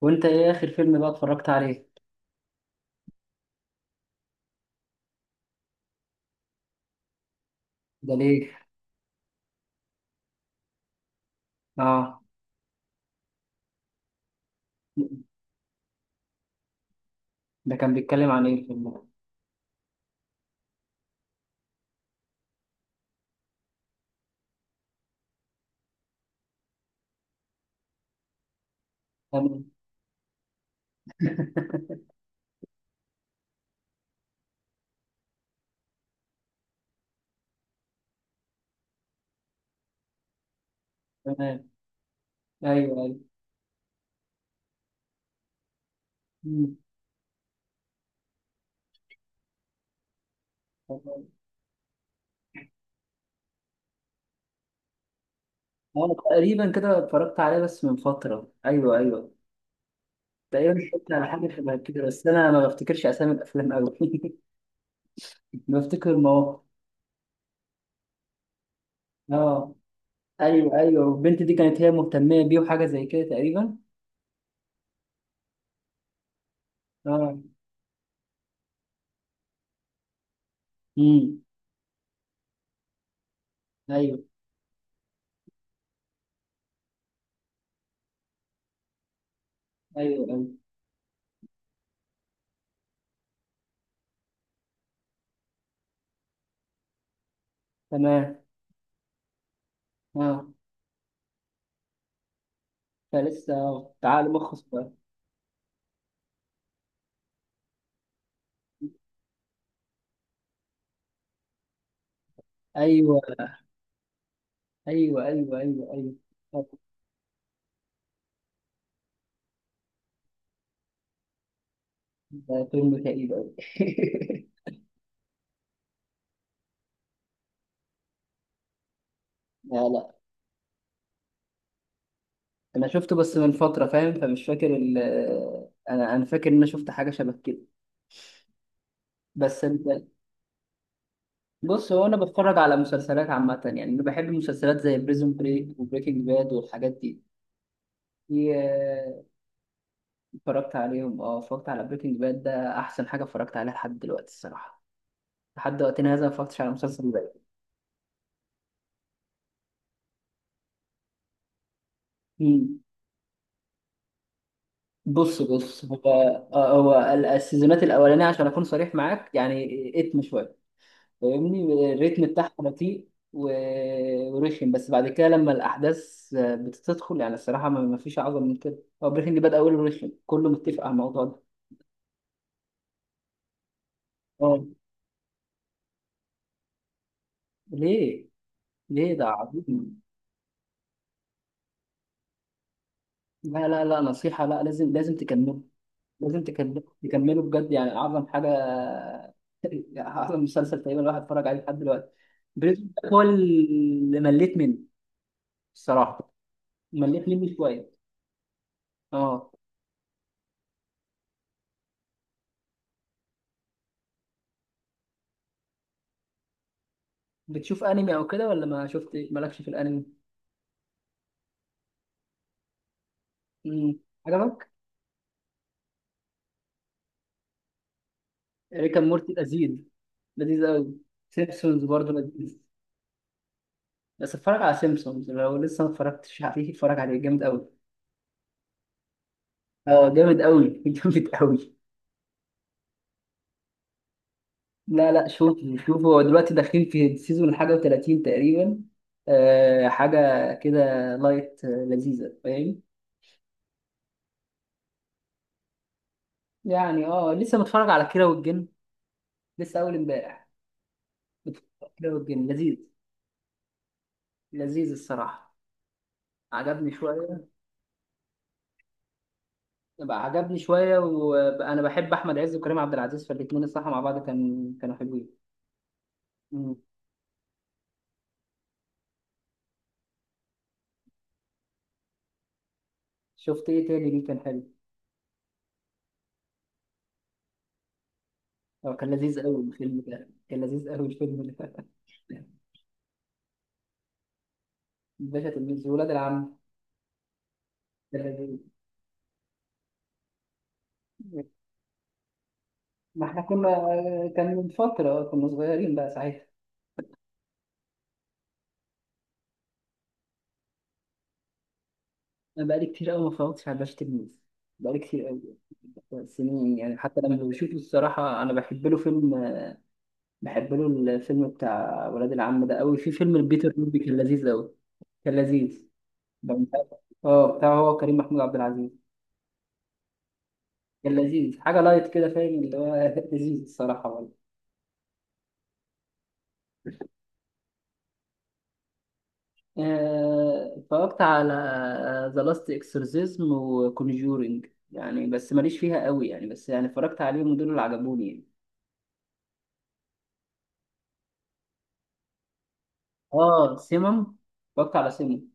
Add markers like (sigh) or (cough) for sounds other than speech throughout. وانت ايه اخر فيلم بقى اتفرجت عليه؟ ده ليه؟ اه. ده كان بيتكلم عن ايه الفيلم ده؟ تمام. (laughs) تمام. ايوه، ايوه. مم. اه، تقريبا كده اتفرجت عليه بس من فتره. ايوه، ايوه. تقريبا اتفرجت على حاجه شبه كده، بس انا ما بفتكرش اسامي الافلام قوي. (laughs) بفتكر مواقف. اه. ايوه، ايوه، والبنت دي كانت هي مهتمه بيه وحاجه زي كده تقريبا. اه. امم. ايوه، ايوه، ايوه. تمام. اه. فلسه، اه، تعال مخ صغير. ايوه، ايوه، ايوه، ايوه. ايوه. طب. ده فيلم كئيب قوي. (laughs) لا، لا. انا شفته بس من فتره، فاهم؟ فمش فاكر ال آه، انا فاكر ان انا شفت حاجه شبه كده بس بص هو انا بتفرج على مسلسلات عامه، يعني انا بحب مسلسلات زي بريزون بريك وبريكنج باد والحاجات دي. اتفرجت عليهم. اه، اتفرجت على بريكنج باد، ده احسن حاجه اتفرجت عليها لحد دلوقتي الصراحه. لحد وقتنا هذا ما اتفرجتش على مسلسل. بقى، بص، بص، هو السيزونات الاولانيه عشان اكون صريح معاك يعني اتم شويه. فاهمني؟ الريتم بتاعها بطيء ورخم، بس بعد كده لما الاحداث بتدخل يعني الصراحه ما فيش اعظم من كده. هو بريكنج باد اوله رخم، كله متفق على الموضوع ده. اه. ليه؟ ليه؟ ده عظيم. لا، لا، لا، نصيحه، لا، لازم، لازم تكمل. لازم تكمله بجد، يعني اعظم حاجه. (laughs) اعظم مسلسل تقريبا الواحد اتفرج عليه لحد دلوقتي. بريزون بريك هو اللي مليت منه الصراحه. مليت منه شويه. اه. بتشوف انمي او كده ولا ما شفت؟ مالكش في الانمي؟ امم. عجبك؟ ريكا مورتي لذيذ. لذيذ قوي. سيمبسونز برضه لذيذ. بس اتفرج على سيمبسونز، لو لسه ما اتفرجتش عليه اتفرج عليه، جامد قوي. اه، جامد قوي. (laughs) جامد قوي. لا، لا. شوف، شوف، هو دلوقتي داخلين في السيزون حاجة و30 تقريبا. أه، حاجة كده. لايت، لذيذة، فاهم؟ يعني اه، لسه متفرج على كيرة والجن. لسه أول امبارح. متفرج على كيرة والجن لذيذ. لذيذ الصراحة. عجبني شوية. بقى عجبني شوية، وأنا بحب أحمد عز وكريم عبد العزيز، فالاتنين الصراحة مع بعض كانوا حلوين. مم. شفت إيه تاني ليه كان حلو؟ هو كان لذيذ أوي الفيلم ده، كان لذيذ أوي الفيلم ده. (laughs) الباشا تلميذ، ولاد العم. كان لذيذ. ما احنا كنا، كان من فترة كنا صغيرين بقى ساعتها. انا بقالي كتير قوي ما اتفرجتش على باشا تلميذ، بقالي كتير قوي. سنين يعني. حتى لما بشوفه الصراحة انا بحب له فيلم. بحب له. الفيلم بتاع ولاد العم ده قوي. في فيلم البيتر روبي كان لذيذ قوي. كان لذيذ. ده مش عارف. اه، بتاع هو كريم محمود عبد العزيز. كان لذيذ، حاجة لايت كده، فاهم اللي هو. (laughs) لذيذ الصراحة. اتفرجت على ذا لاست اكسورسيزم وكونجورينج، يعني بس ماليش فيها قوي، يعني بس يعني اتفرجت عليهم دول اللي عجبوني يعني. اه، سيمم. اتفرجت على سيمم.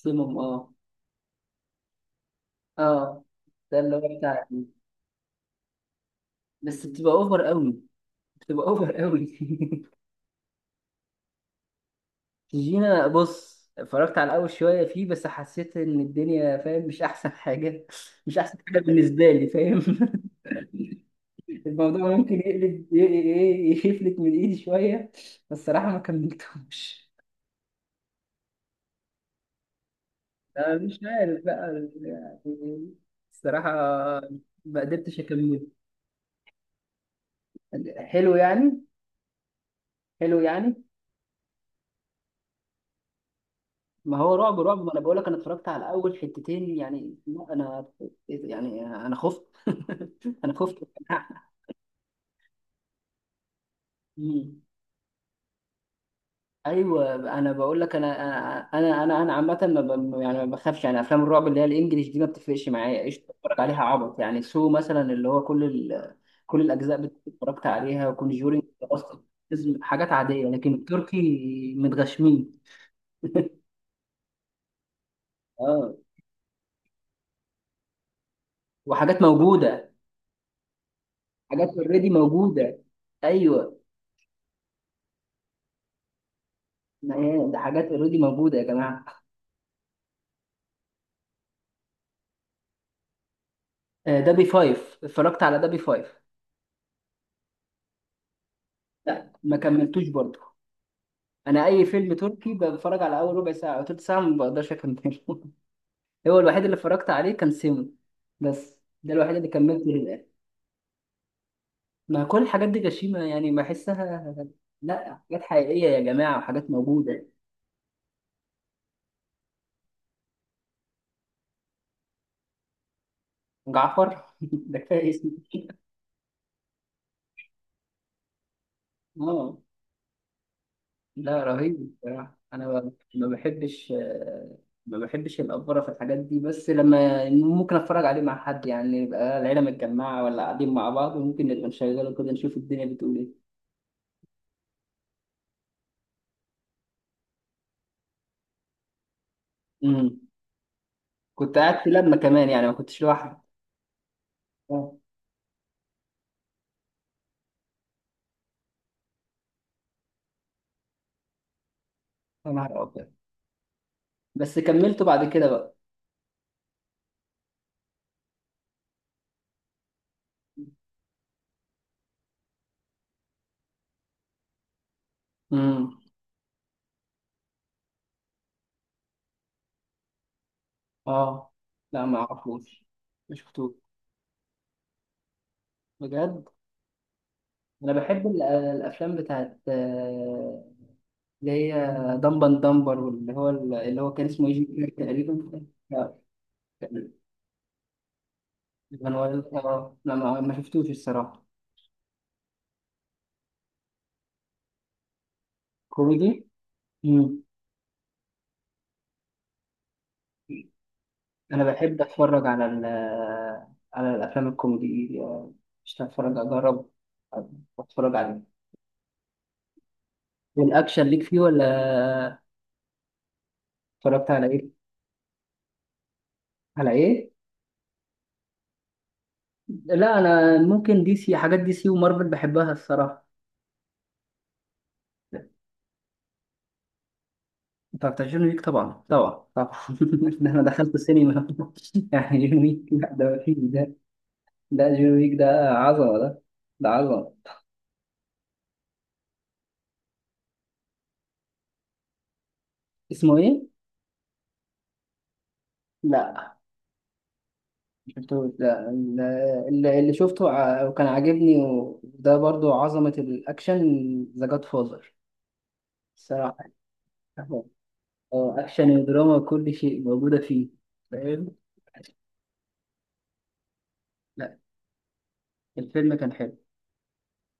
سيمم، اه. اه. ده اللي هو بتاع يعني. بس بتبقى اوفر قوي. بتبقى اوفر قوي. (laughs) جينا، بص، اتفرجت على اول شويه فيه بس حسيت ان الدنيا، فاهم، مش احسن حاجه. مش احسن حاجه بالنسبه لي، فاهم؟ (laughs) الموضوع ممكن يقلب يفلت من ايدي شوية. بس الصراحة ما كملتهمش. (laughs) أنا مش عارف بقى يعني. الصراحة ما قدرتش أكمله. حلو يعني. حلو يعني. ما هو رعب رعب، ما أنا بقول لك أنا اتفرجت على أول حتتين، يعني لا، أنا. يعني أنا خفت. (laughs) أنا خفت. (laughs) مم. ايوه، انا بقول لك انا انا انا انا أنا عامه ما ب... يعني ما بخافش يعني، افلام الرعب اللي هي الانجليش دي ما بتفرقش معايا، ايش بتفرج عليها عبط يعني سو مثلا اللي هو كل الاجزاء اتفرجت عليها، وكونجورينج اصلا حاجات عاديه، لكن التركي متغشمين. اه، وحاجات موجوده. حاجات اوريدي موجوده. ايوه. ما هي ده حاجات اوريدي موجوده يا جماعه. دبي فايف، اتفرجت على دبي فايف. لا، ما كملتوش برضه. انا اي فيلم تركي بتفرج على اول ربع ساعه او تلت ساعه ما بقدرش اكمله. (laughs) هو الوحيد اللي اتفرجت عليه كان سيمو. بس ده الوحيد اللي كملته للاخر. ما كل الحاجات دي غشيمه يعني بحسها. لا، حاجات حقيقيه يا جماعه، وحاجات موجوده. جعفر. (laughs) ده كفايه اسمه. اه، لا، رهيب بصراحه. انا ما بحبش الافوره في الحاجات دي، بس لما ممكن اتفرج عليه مع حد، يعني يبقى العيله متجمعه ولا قاعدين مع بعض، وممكن نبقى نشغله كده نشوف الدنيا بتقول ايه. امم. كنت قاعد في، لما كمان يعني ما كنتش لوحدي. اه. يا نهار ابيض. بس كملته بعد كده بقى. امم. اه، لا، ما اعرفوش. ما شفتوش. بجد؟ انا بحب الافلام بتاعت اللي هي دمبن دمبر دمبر، واللي هو اللي هو كان اسمه ايجي كير تقريبا. لا. كان كان اه، لا، ما شفتوش الصراحه. كوميدي. امم. انا بحب اتفرج على الافلام الكوميدي مش هتفرج؟ اجرب. اتفرج عليه. والاكشن ليك فيه ولا؟ اتفرجت على ايه؟ على ايه؟ لا، انا ممكن دي سي، حاجات دي سي ومارفل بحبها الصراحه. انت بتعجبني، ليك طبعا، طبعا، طبعا. (laughs) ده انا دخلت السينما. (laughs) يعني جون ويك، لا ده مفيش ده. ده جون ويك ده. عظمه ده. ده عظمه. اسمه ايه؟ لا. شفته ده اللي شفته وكان عاجبني، وده برضو عظمة الأكشن. ذا جاد فازر الصراحة. اه، أكشن ودراما كل شيء موجودة فيه. فاهم؟ لا. الفيلم كان حلو.